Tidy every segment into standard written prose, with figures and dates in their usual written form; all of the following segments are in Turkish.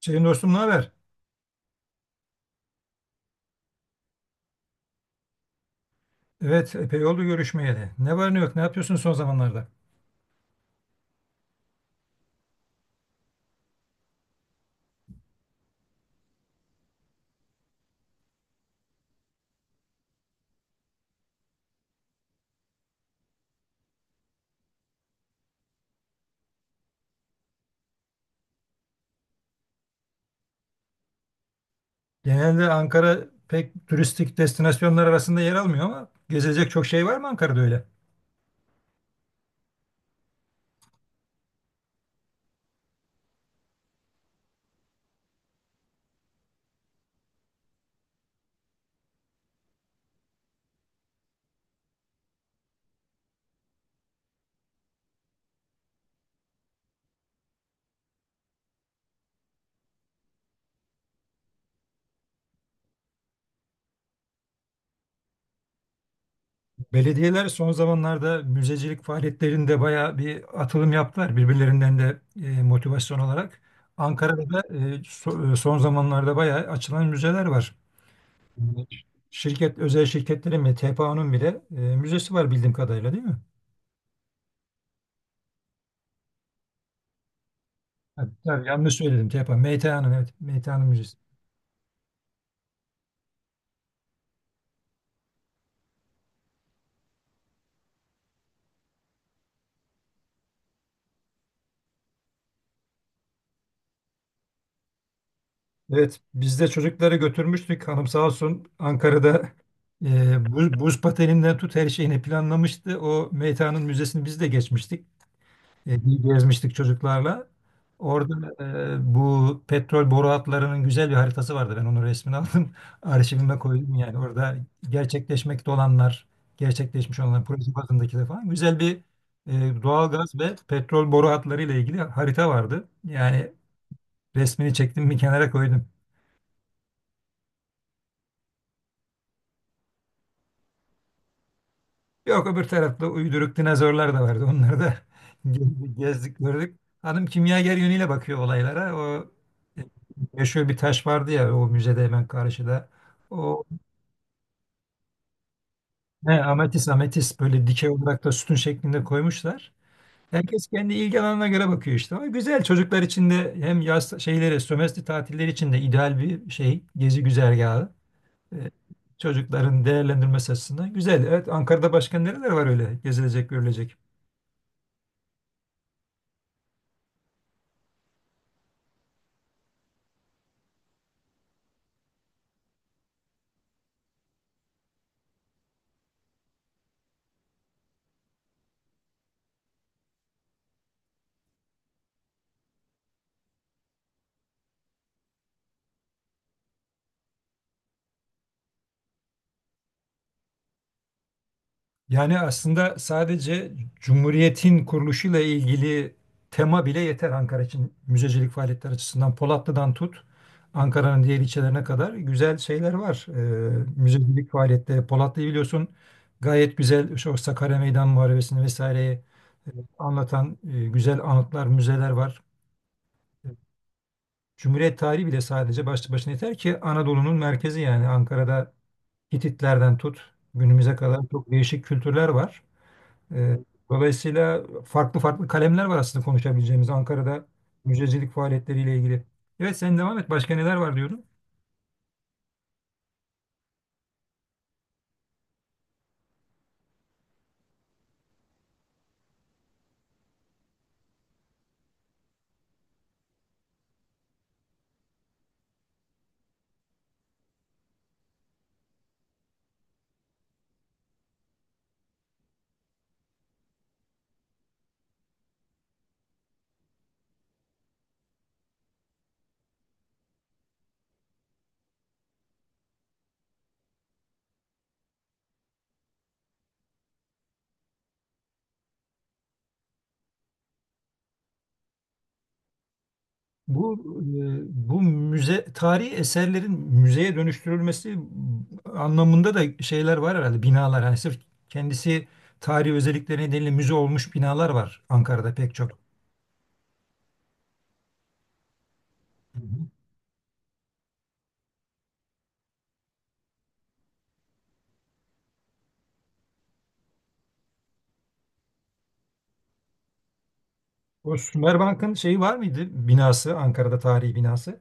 Şeyin dostum ne haber? Evet, epey oldu görüşmeyeli. Ne var ne yok, ne yapıyorsun son zamanlarda? Genelde Ankara pek turistik destinasyonlar arasında yer almıyor ama gezecek çok şey var mı Ankara'da öyle? Belediyeler son zamanlarda müzecilik faaliyetlerinde bayağı bir atılım yaptılar birbirlerinden de motivasyon olarak. Ankara'da da son zamanlarda bayağı açılan müzeler var. Şirket, özel şirketlerin ve TPA'nın bile müzesi var bildiğim kadarıyla değil mi? Ha, tabii yanlış söyledim TPA, MTA'nın evet, MTA'nın müzesi. Evet, biz de çocukları götürmüştük. Hanım sağ olsun Ankara'da buz pateninden tut her şeyini planlamıştı. O Meytan'ın müzesini biz de geçmiştik. Gezmiştik çocuklarla. Orada bu petrol boru hatlarının güzel bir haritası vardı. Ben onun resmini aldım. Arşivime koydum yani. Orada gerçekleşmekte olanlar, gerçekleşmiş olanlar proje bazındaki de falan. Güzel bir doğal gaz ve petrol boru hatları ile ilgili harita vardı. Yani resmini çektim bir kenara koydum. Yok öbür tarafta uyduruk dinozorlar da vardı. Onları da gezdik, gezdik gördük. Hanım kimyager yönüyle bakıyor olaylara. O e, yaşıyor bir taş vardı ya o müzede hemen karşıda. O he, ametist böyle dikey olarak da sütun şeklinde koymuşlar. Herkes kendi ilgi alanına göre bakıyor işte. Ama güzel çocuklar için de hem yaz şeyleri, sömestr tatilleri için de ideal bir şey. Gezi güzergahı. E, Çocukların değerlendirmesi açısından güzel. Evet Ankara'da başka nereler var öyle gezilecek, görülecek? Yani aslında sadece Cumhuriyet'in kuruluşuyla ilgili tema bile yeter Ankara için müzecilik faaliyetleri açısından. Polatlı'dan tut Ankara'nın diğer ilçelerine kadar güzel şeyler var. Müzecilik faaliyetleri. Polatlı'yı biliyorsun gayet güzel şu Sakarya Meydan Muharebesi'ni vesaireyi e, anlatan güzel anıtlar, müzeler var. Cumhuriyet tarihi bile sadece başlı başına yeter ki Anadolu'nun merkezi yani Ankara'da Hititlerden tut günümüze kadar çok değişik kültürler var. Ee, dolayısıyla farklı farklı kalemler var aslında konuşabileceğimiz Ankara'da müzecilik faaliyetleriyle ilgili. Evet sen devam et. Başka neler var diyorum. Bu bu müze tarihi eserlerin müzeye dönüştürülmesi anlamında da şeyler var herhalde binalar. Hani sırf kendisi tarihi özellikleri nedeniyle müze olmuş binalar var Ankara'da pek çok. Hı hı. O Sümer şeyi var mıydı binası Ankara'da tarihi binası?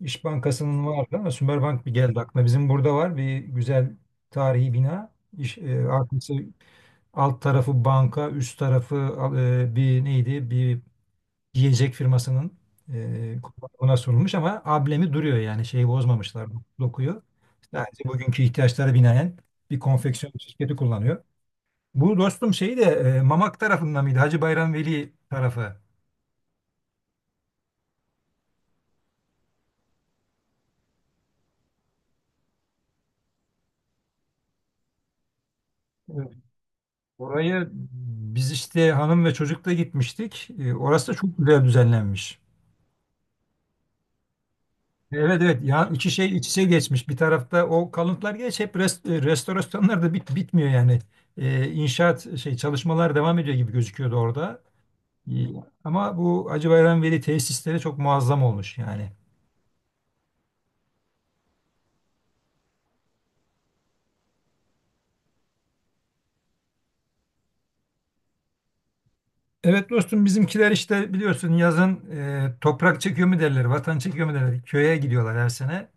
İş Bankası'nın vardı ama Sümerbank bir geldi aklına. Bizim burada var bir güzel tarihi bina. İş, arkası alt tarafı banka, üst tarafı bir neydi? Bir yiyecek firmasının kullanımına sunulmuş ama ablemi duruyor yani şeyi bozmamışlar dokuyu. Sadece bugünkü ihtiyaçlara binaen bir konfeksiyon şirketi kullanıyor. Bu dostum şey de Mamak tarafından mıydı? Hacı Bayram Veli tarafı. E, Oraya biz işte hanım ve çocukla gitmiştik. Orası da çok güzel düzenlenmiş. Evet evet ya iki şey iç içe geçmiş. Bir tarafta o kalıntılar geç hep restorasyonlar da bitmiyor yani. E, inşaat şey çalışmalar devam ediyor gibi gözüküyordu orada. E, ama bu Hacıbayram Veli tesisleri çok muazzam olmuş yani. Evet dostum bizimkiler işte biliyorsun yazın toprak çekiyor mu derler, vatan çekiyor mu derler. Köye gidiyorlar her sene.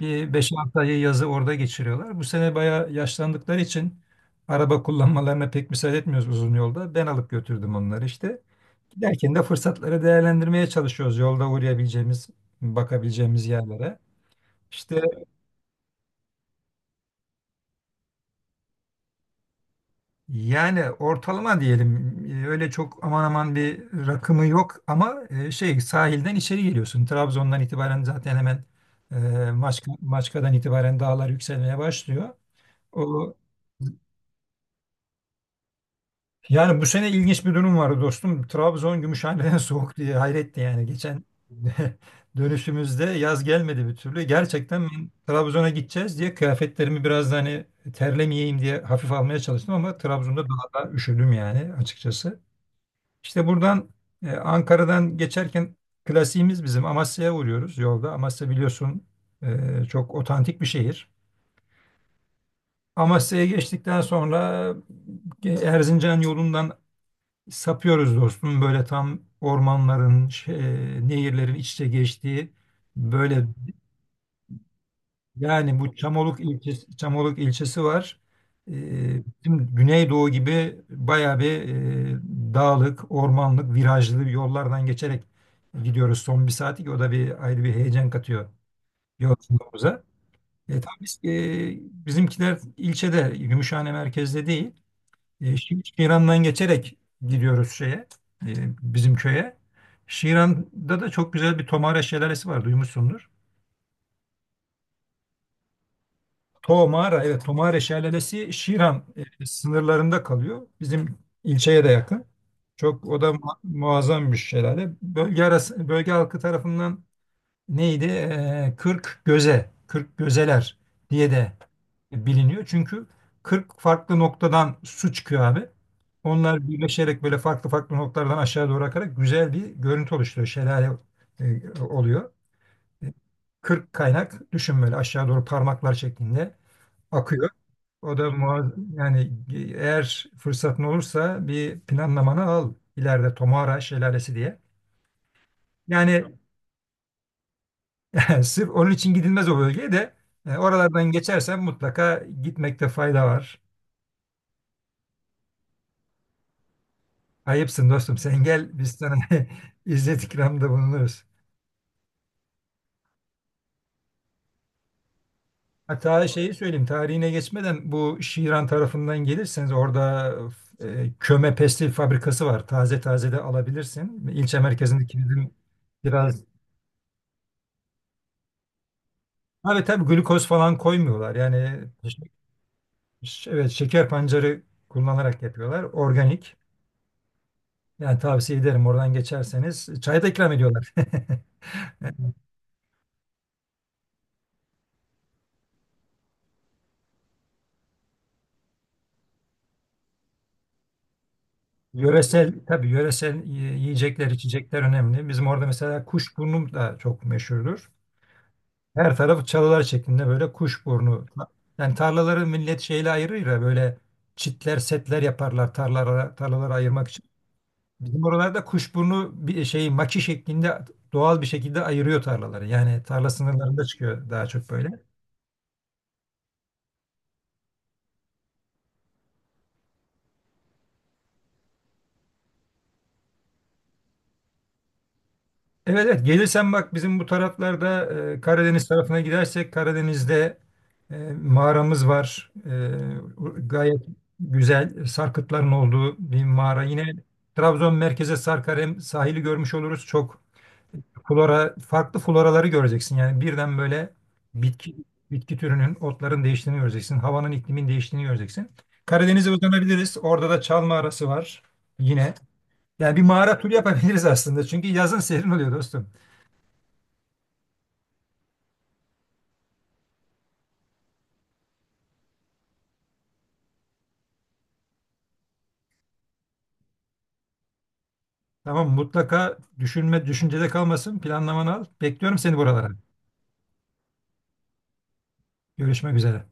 Bir beş altı ayı yazı orada geçiriyorlar. Bu sene bayağı yaşlandıkları için araba kullanmalarına pek müsaade etmiyoruz uzun yolda. Ben alıp götürdüm onları işte. Giderken de fırsatları değerlendirmeye çalışıyoruz. Yolda uğrayabileceğimiz, bakabileceğimiz yerlere. İşte yani ortalama diyelim öyle çok aman aman bir rakımı yok ama şey sahilden içeri geliyorsun. Trabzon'dan itibaren zaten hemen Maçka'dan itibaren dağlar yükselmeye başlıyor. O Yani bu sene ilginç bir durum vardı dostum. Trabzon Gümüşhane'den soğuk diye hayretti yani. Geçen dönüşümüzde yaz gelmedi bir türlü. Gerçekten ben Trabzon'a gideceğiz diye kıyafetlerimi biraz da hani terlemeyeyim diye hafif almaya çalıştım ama Trabzon'da daha da üşüdüm yani açıkçası. İşte buradan Ankara'dan geçerken klasiğimiz bizim Amasya'ya uğruyoruz yolda. Amasya biliyorsun çok otantik bir şehir. Amasya'ya geçtikten sonra Erzincan yolundan sapıyoruz dostum böyle tam ormanların, nehirlerin iç içe geçtiği böyle yani bu Çamoluk ilçesi var. Şimdi Güneydoğu gibi bayağı bir dağlık, ormanlık, virajlı yollardan geçerek gidiyoruz son bir saati ki o da bir ayrı bir heyecan katıyor yolculuğumuza. Tabii bizimkiler ilçede, Gümüşhane merkezde değil. Şiran'dan geçerek gidiyoruz e, bizim köye. Şiran'da da çok güzel bir Tomare Şelalesi var, duymuşsundur. Tomara, evet Tomare Şelalesi Şiran sınırlarında kalıyor. Bizim ilçeye de yakın. Çok o da muazzam bir şelale. Bölge arası, bölge halkı tarafından neydi? 40 göze, 40 gözeler diye de biliniyor. Çünkü 40 farklı noktadan su çıkıyor abi. Onlar birleşerek böyle farklı farklı noktalardan aşağı doğru akarak güzel bir görüntü oluşturuyor. Şelale oluyor. 40 kaynak düşün böyle aşağı doğru parmaklar şeklinde akıyor. O da yani eğer fırsatın olursa bir planlamanı al ileride Tomara Şelalesi diye. Yani sırf onun için gidilmez o bölgeye de oralardan geçersen mutlaka gitmekte fayda var. Ayıpsın dostum sen gel biz sana izzet ikramda bulunuruz. Hatta şeyi söyleyeyim tarihine geçmeden bu Şiran tarafından gelirseniz orada köme pestil fabrikası var. Taze taze de alabilirsin. İlçe merkezindeki bizim biraz... Abi tabii glukoz falan koymuyorlar. Yani evet şeker pancarı kullanarak yapıyorlar. Organik. Yani tavsiye ederim oradan geçerseniz. Çay da ikram ediyorlar. Yöresel tabii yöresel yiyecekler, içecekler önemli. Bizim orada mesela kuşburnu da çok meşhurdur. Her tarafı çalılar şeklinde böyle kuşburnu. Yani tarlaları millet şeyle ayırır ya böyle çitler, setler yaparlar tarlalara, tarlaları ayırmak için. Bizim oralarda kuşburnu bir şey maki şeklinde doğal bir şekilde ayırıyor tarlaları. Yani tarla sınırlarında çıkıyor daha çok böyle. Evet evet gelirsen bak bizim bu taraflarda Karadeniz tarafına gidersek Karadeniz'de e, mağaramız var. Gayet güzel sarkıtların olduğu bir mağara. Yine Trabzon merkeze sarkar hem sahili görmüş oluruz. Çok farklı floraları göreceksin. Yani birden böyle bitki bitki türünün otların değiştiğini göreceksin. Havanın iklimin değiştiğini göreceksin. Karadeniz'e uzanabiliriz. Orada da Çal mağarası var yine. Yani bir mağara turu yapabiliriz aslında. Çünkü yazın serin oluyor dostum. Tamam mutlaka düşünme düşüncede kalmasın. Planlamanı al. Bekliyorum seni buralara. Görüşmek üzere.